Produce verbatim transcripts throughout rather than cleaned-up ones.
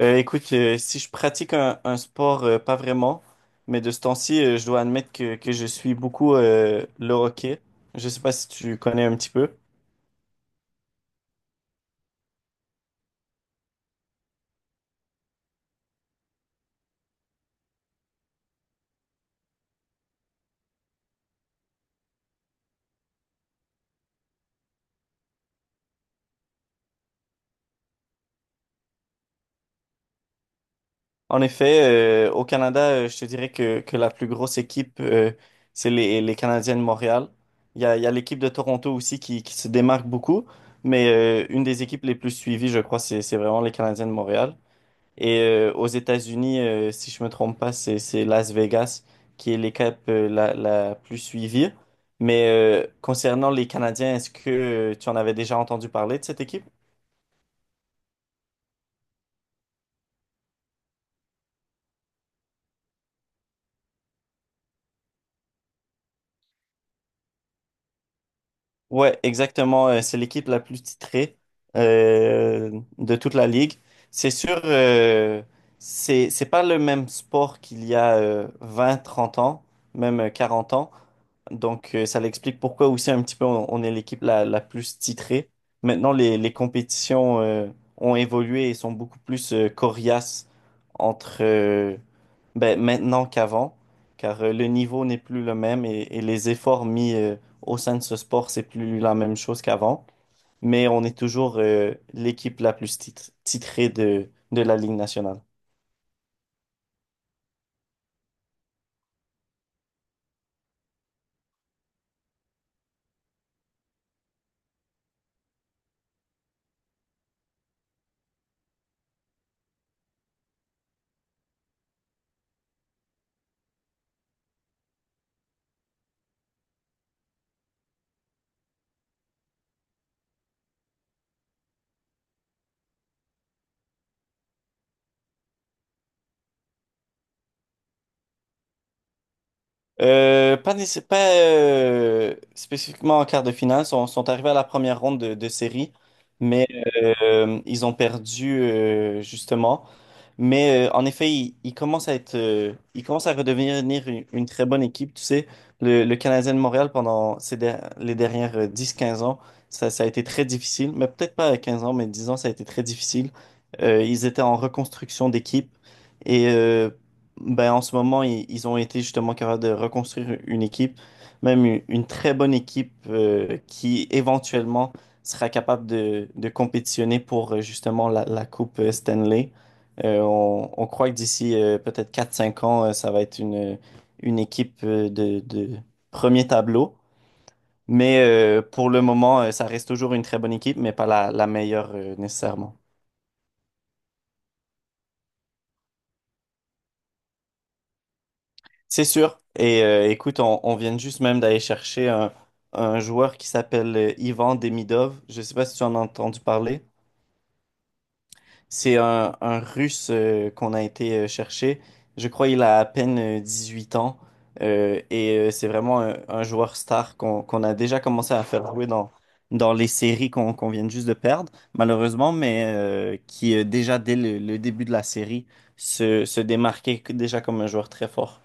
Euh, écoute, euh, si je pratique un, un sport, euh, pas vraiment, mais de ce temps-ci, euh, je dois admettre que, que je suis beaucoup euh, le hockey. Je sais pas si tu connais un petit peu. En effet, euh, au Canada, euh, je te dirais que, que la plus grosse équipe, euh, c'est les, les Canadiens de Montréal. Il y a, il y a l'équipe de Toronto aussi qui, qui se démarque beaucoup, mais euh, une des équipes les plus suivies, je crois, c'est, c'est vraiment les Canadiens de Montréal. Et euh, aux États-Unis, euh, si je me trompe pas, c'est c'est Las Vegas qui est l'équipe euh, la, la plus suivie. Mais euh, concernant les Canadiens, est-ce que euh, tu en avais déjà entendu parler de cette équipe? Ouais, exactement. euh, C'est l'équipe la plus titrée euh, de toute la ligue. C'est sûr, euh, c'est, c'est pas le même sport qu'il y a euh, vingt, trente ans, même euh, quarante ans. Donc, euh, ça l'explique pourquoi aussi un petit peu on, on est l'équipe la, la plus titrée. Maintenant, les, les compétitions euh, ont évolué et sont beaucoup plus euh, coriaces entre euh, ben, maintenant qu'avant, car euh, le niveau n'est plus le même et, et les efforts mis euh, au sein de ce sport, c'est plus la même chose qu'avant, mais on est toujours euh, l'équipe la plus tit- titrée de, de la Ligue nationale. Euh, pas nécess- pas euh, spécifiquement en quart de finale, sont, sont arrivés à la première ronde de, de série, mais euh, ils ont perdu euh, justement. Mais euh, en effet, il, il commence à être, euh, il commence à redevenir une, une très bonne équipe. Tu sais, le, le Canadien de Montréal pendant ces der- les dernières euh, dix quinze ans, ça, ça a été très difficile. Mais peut-être pas à quinze ans, mais dix ans, ça a été très difficile. Euh, ils étaient en reconstruction d'équipe. Et euh, ben, en ce moment, ils, ils ont été justement capables de reconstruire une équipe, même une, une très bonne équipe euh, qui éventuellement sera capable de, de compétitionner pour euh, justement la, la Coupe euh, Stanley. Euh, on, on croit que d'ici euh, peut-être quatre cinq ans, euh, ça va être une, une équipe euh, de, de premier tableau. Mais euh, pour le moment, euh, ça reste toujours une très bonne équipe, mais pas la, la meilleure euh, nécessairement. C'est sûr. Et euh, écoute, on, on vient juste même d'aller chercher un, un joueur qui s'appelle euh, Ivan Demidov. Je ne sais pas si tu en as entendu parler. C'est un, un Russe euh, qu'on a été euh, chercher. Je crois qu'il a à peine euh, dix-huit ans. Euh, et euh, c'est vraiment un, un joueur star qu'on qu'on a déjà commencé à faire jouer dans, dans les séries qu'on qu'on vient juste de perdre, malheureusement, mais euh, qui euh, déjà dès le, le début de la série se, se démarquait déjà comme un joueur très fort.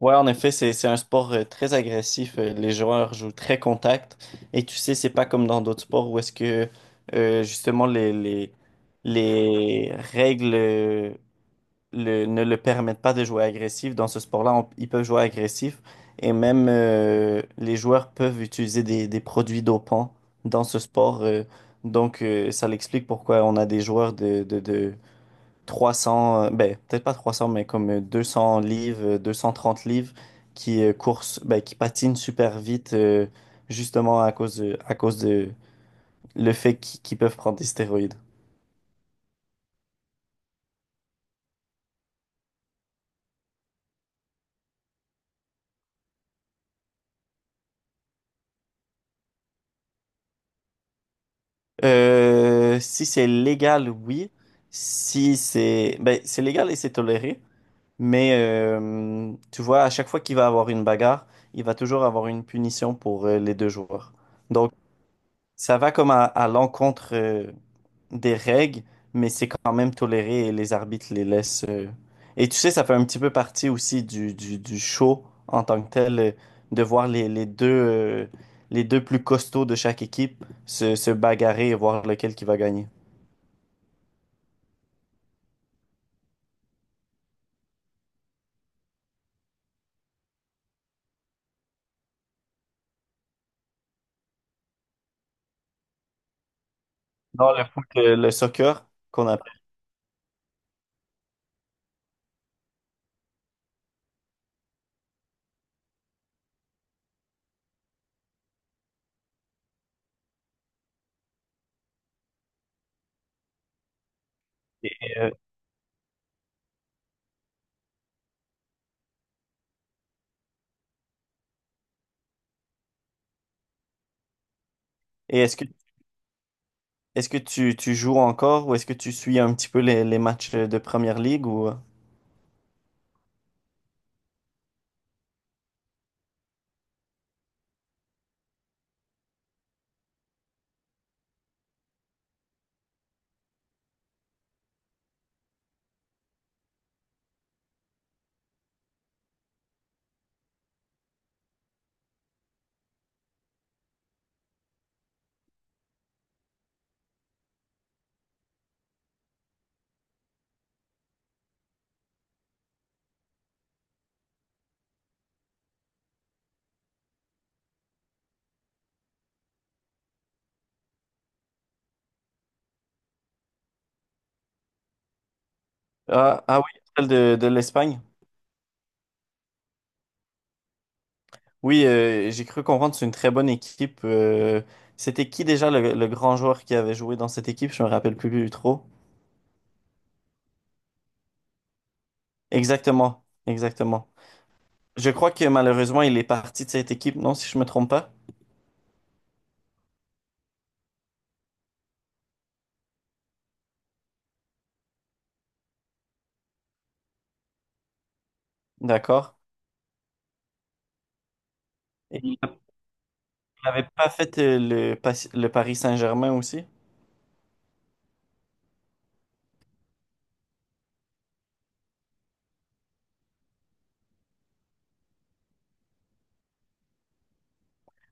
Ouais, en effet, c'est c'est un sport euh, très agressif. Euh, Les joueurs jouent très contact. Et tu sais, c'est pas comme dans d'autres sports où est-ce que euh, justement les, les, les règles euh, le- ne le permettent pas de jouer agressif. Dans ce sport-là, on- ils peuvent jouer agressif. Et même euh, les joueurs peuvent utiliser des, des produits dopants dans ce sport. euh. Donc, euh, ça l'explique pourquoi on a des joueurs de, de, de trois cents, euh, ben, peut-être pas trois cents, mais comme euh, deux cents livres, euh, deux cent trente livres qui euh, course, ben, qui patinent super vite, euh, justement à cause de, à cause de le fait qu'ils qu'ils peuvent prendre des stéroïdes. Euh, si c'est légal, oui. Si c'est, ben, C'est légal et c'est toléré, mais euh, tu vois, à chaque fois qu'il va avoir une bagarre, il va toujours avoir une punition pour euh, les deux joueurs. Donc, ça va comme à, à l'encontre euh, des règles, mais c'est quand même toléré et les arbitres les laissent. euh. Et tu sais, ça fait un petit peu partie aussi du, du, du show en tant que tel, euh, de voir les, les deux, euh, les deux plus costauds de chaque équipe se, se bagarrer et voir lequel qui va gagner. Non, le foot, euh, le soccer qu'on appelle. Et, euh, et est-ce que, Est-ce que tu, tu joues encore ou est-ce que tu suis un petit peu les, les matchs de Première Ligue ou... Ah, ah oui, celle de, de l'Espagne. Oui, euh, j'ai cru comprendre, c'est une très bonne équipe. Euh, c'était qui déjà le, le grand joueur qui avait joué dans cette équipe? Je me rappelle plus trop. Exactement, exactement. Je crois que malheureusement, il est parti de cette équipe, non, si je me trompe pas. D'accord. Et il n'avait pas fait euh, le, pas- le Paris Saint-Germain aussi?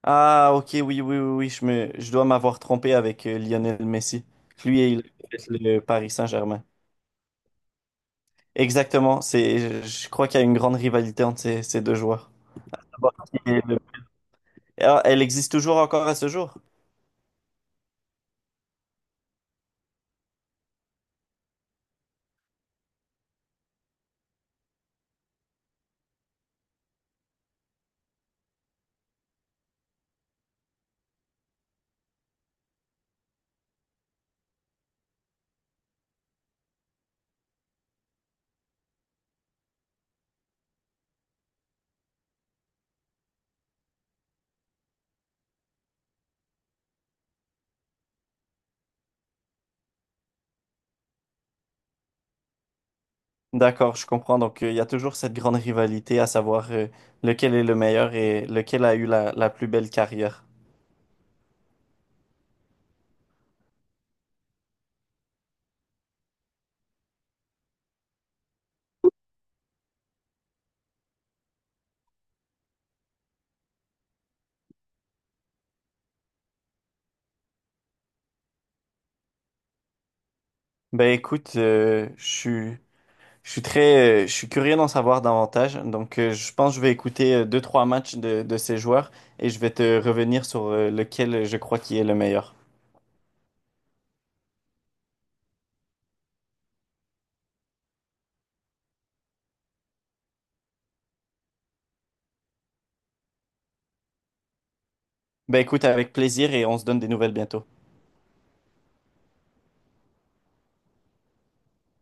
Ah, ok, oui, oui, oui, oui, je me, je dois m'avoir trompé avec euh, Lionel Messi. Lui, il a fait le Paris Saint-Germain. Exactement, c'est, je, je crois qu'il y a une grande rivalité entre ces ces deux joueurs. Ah, elle existe toujours encore à ce jour? D'accord, je comprends. Donc, euh, il y a toujours cette grande rivalité à savoir euh, lequel est le meilleur et lequel a eu la, la plus belle carrière. Ben écoute, euh, je suis, je suis très, euh, je suis curieux d'en savoir davantage. Donc, euh, je pense que je vais écouter euh, deux, trois matchs de, de ces joueurs et je vais te revenir sur euh, lequel je crois qui est le meilleur. Ben écoute, avec plaisir et on se donne des nouvelles bientôt.